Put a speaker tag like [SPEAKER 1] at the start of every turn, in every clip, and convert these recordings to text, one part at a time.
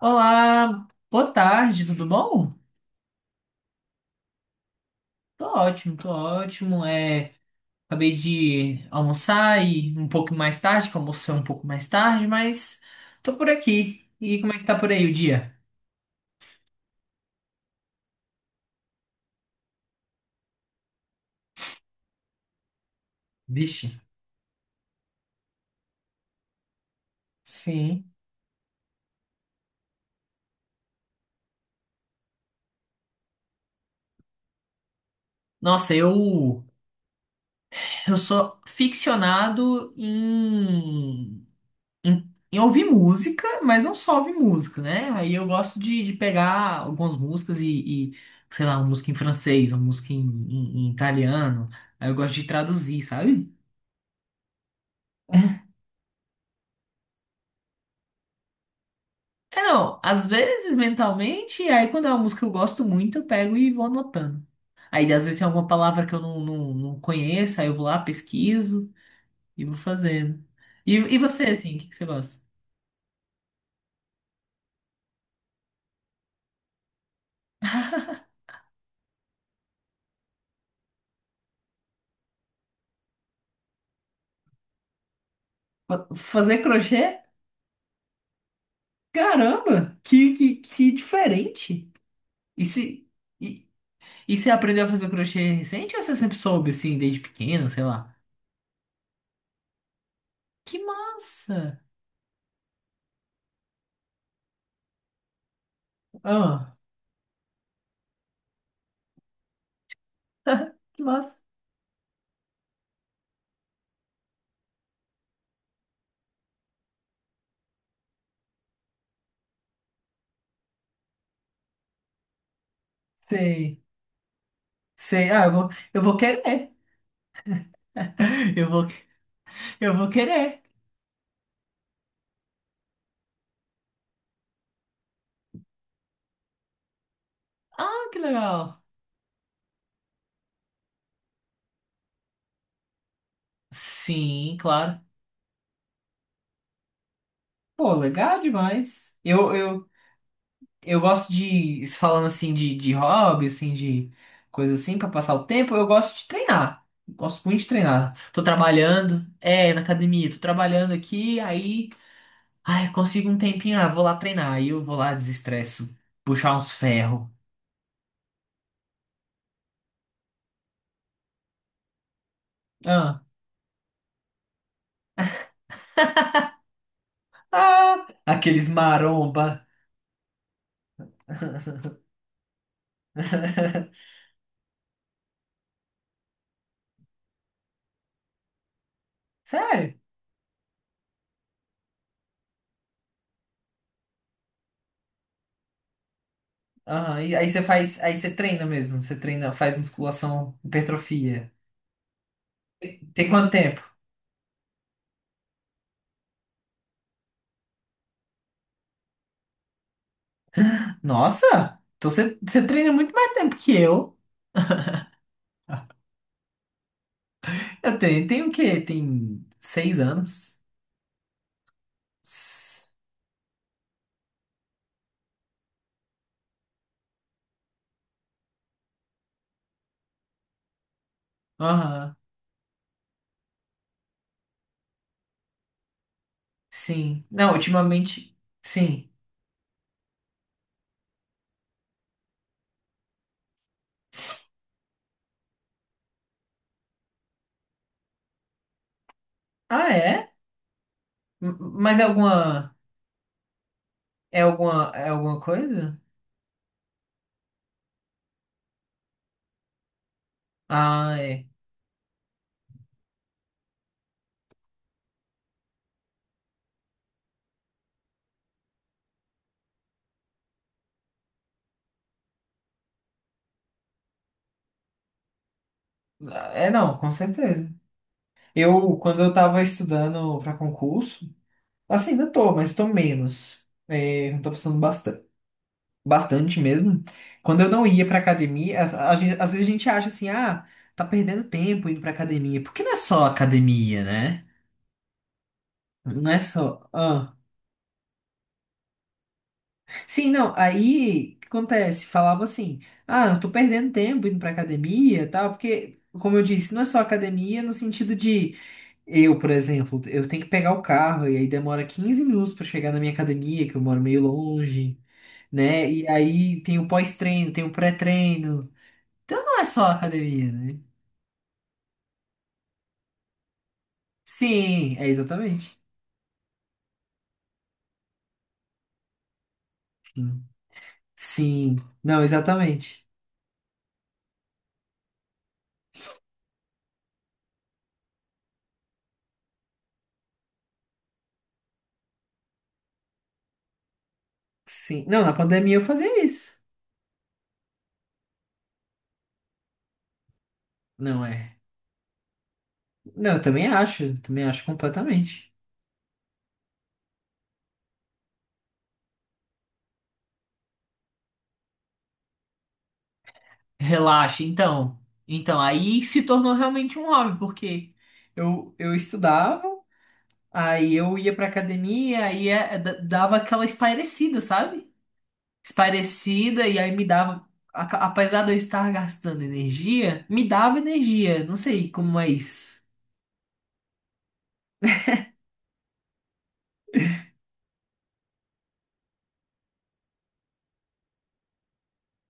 [SPEAKER 1] Olá, boa tarde, tudo bom? Tô ótimo, tô ótimo. Acabei de almoçar e um pouco mais tarde, que eu almocei um pouco mais tarde, mas tô por aqui. E como é que tá por aí o dia? Vixe. Sim. Nossa, eu sou ficcionado em, ouvir música, mas não só ouvir música, né? Aí eu gosto de pegar algumas músicas e sei lá, uma música em francês, uma música em italiano. Aí eu gosto de traduzir, sabe? É, não, às vezes mentalmente, aí quando é uma música que eu gosto muito, eu pego e vou anotando. Aí às vezes tem alguma palavra que eu não conheço, aí eu vou lá, pesquiso e vou fazendo. E você, assim, o que que você gosta? Fazer crochê? Caramba, que diferente. E se, e, E você aprendeu a fazer crochê recente ou você sempre soube, assim, desde pequeno, sei lá? Que massa! Ah, que massa! Sei, sei. Ah, eu vou querer. Eu vou, eu vou querer. Ah, que legal. Sim, claro. Pô, legal demais. Eu gosto de, falando assim, de hobby, assim, de coisa assim, pra passar o tempo, eu gosto de treinar. Gosto muito de treinar. Tô trabalhando, na academia, tô trabalhando aqui, aí. Ai, consigo um tempinho, vou lá treinar. Aí eu vou lá, desestresso, puxar uns ferros. Ah, ah, aqueles maromba. Sério? Aham, e aí você faz, aí você treina mesmo, você treina, faz musculação, hipertrofia. Tem quanto tempo? Nossa, então você treina muito mais tempo que eu. Eu treino, tem o quê? Tem 6 anos? S- Aham, sim. Não, ultimamente, sim. Ah, é? Mas é alguma coisa? Ah, é. É, não, com certeza. Quando eu tava estudando para concurso, assim, ainda tô, mas tô menos. É, não tô precisando bastante, bastante mesmo. Quando eu não ia pra academia, às vezes a gente acha assim, tá perdendo tempo indo pra academia. Porque não é só academia, né? Não é só. Ah. Sim, não, aí o que acontece? Falava assim, eu tô perdendo tempo indo pra academia, e tal, porque, como eu disse, não é só academia no sentido de. Eu, por exemplo, eu tenho que pegar o carro e aí demora 15 minutos pra chegar na minha academia, que eu moro meio longe, né? E aí tem o pós-treino, tem o pré-treino. Então não é só a academia, né? Sim, é exatamente. Sim. Sim. Não, exatamente. Sim. Não, na pandemia eu fazia isso. Não é. Não, eu também acho completamente. Relaxa, então. Então, aí se tornou realmente um hobby, porque eu estudava. Aí eu ia pra academia, aí dava aquela espairecida, sabe? Espairecida, e aí me dava. Apesar de eu estar gastando energia, me dava energia. Não sei como é isso.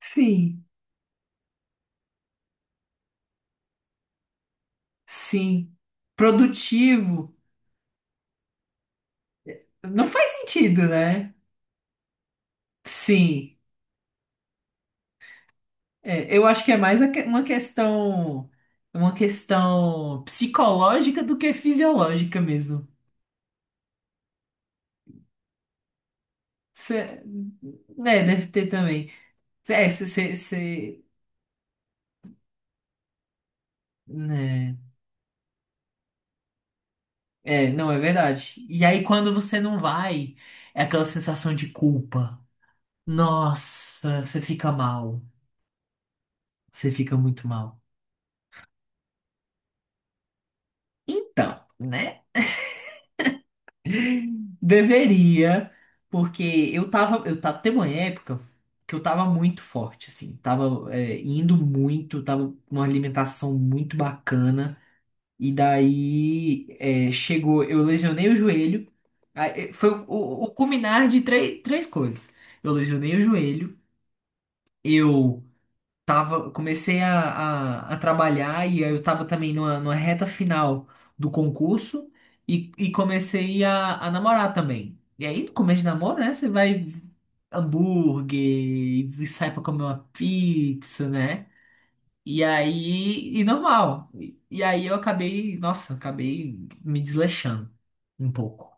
[SPEAKER 1] Sim, sim. Produtivo. Não faz sentido, né? Sim. É, eu acho que é mais uma questão. Uma questão psicológica do que fisiológica mesmo. Cê, né, deve ter também. É, você. É, não, é verdade. E aí, quando você não vai, é aquela sensação de culpa. Nossa, você fica mal. Você fica muito mal. Então, né? Deveria, porque teve uma época que eu tava muito forte, assim. Tava, indo muito, tava com uma alimentação muito bacana. E daí, chegou, eu lesionei o joelho. Aí, foi o culminar de três coisas. Eu lesionei o joelho. Eu comecei a trabalhar e aí eu tava também numa, reta final do concurso e comecei a namorar também. E aí, no começo de namoro, né, você vai hambúrguer e sai pra comer uma pizza, né? E aí, normal. E aí eu acabei, nossa, acabei me desleixando um pouco.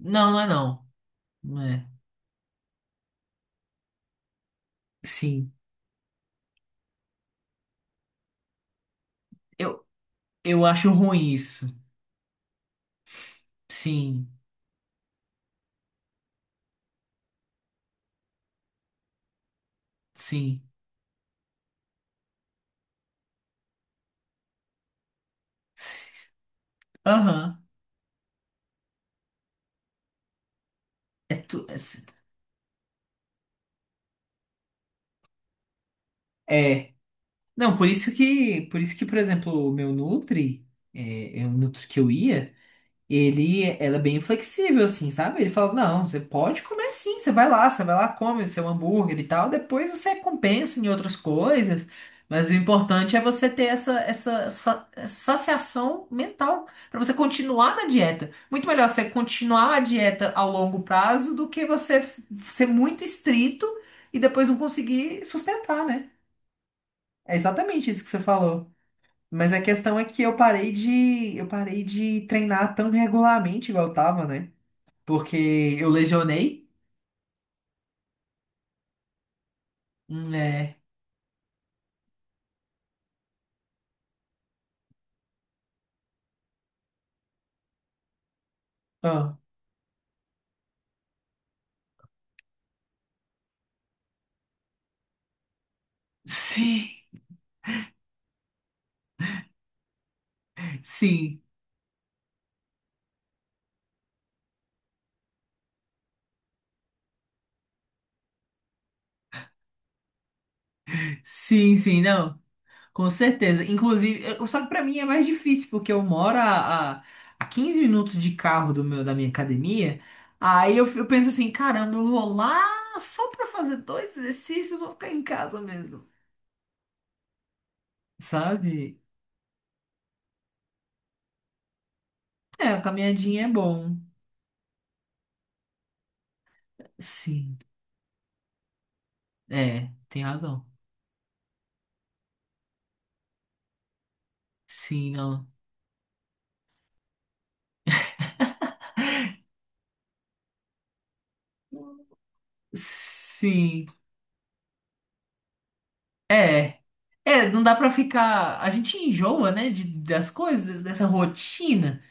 [SPEAKER 1] Não, não é não. Não é. Sim. Eu, eu acho ruim isso. Sim, sim. S- Aham. É, tu- é, se- é. Não, por isso que, por exemplo, o meu Nutri, é o Nutri que eu ia, ele era bem flexível, assim, sabe? Ele falava, não, você pode comer sim, você vai lá, come o seu hambúrguer e tal, depois você compensa em outras coisas, mas o importante é você ter essa saciação mental, para você continuar na dieta. Muito melhor você continuar a dieta ao longo prazo do que você ser muito estrito e depois não conseguir sustentar, né? É exatamente isso que você falou. Mas a questão é que eu parei de treinar tão regularmente igual eu tava, né? Porque eu lesionei, né? Ah, sim, sim, sim, sim, não, com certeza. Inclusive, só que pra mim é mais difícil, porque eu moro a 15 minutos de carro da minha academia. Aí eu penso assim, caramba, eu vou lá só pra fazer dois exercícios, eu vou ficar em casa mesmo, sabe? É, a caminhadinha é bom. Sim, é, tem razão. Sim, não. Sim, é. É, não dá pra ficar. A gente enjoa, né, das coisas, dessa rotina.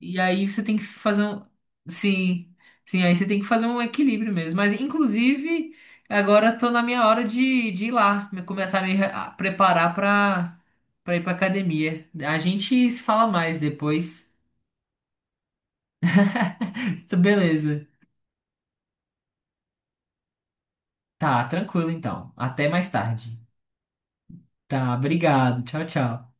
[SPEAKER 1] E aí você tem que fazer um. Sim, sim, aí você tem que fazer um equilíbrio mesmo. Mas, inclusive, agora tô na minha hora de ir lá, começar a preparar pra ir pra academia. A gente se fala mais depois. Beleza. Tá, tranquilo então. Até mais tarde. Tá, obrigado. Tchau, tchau.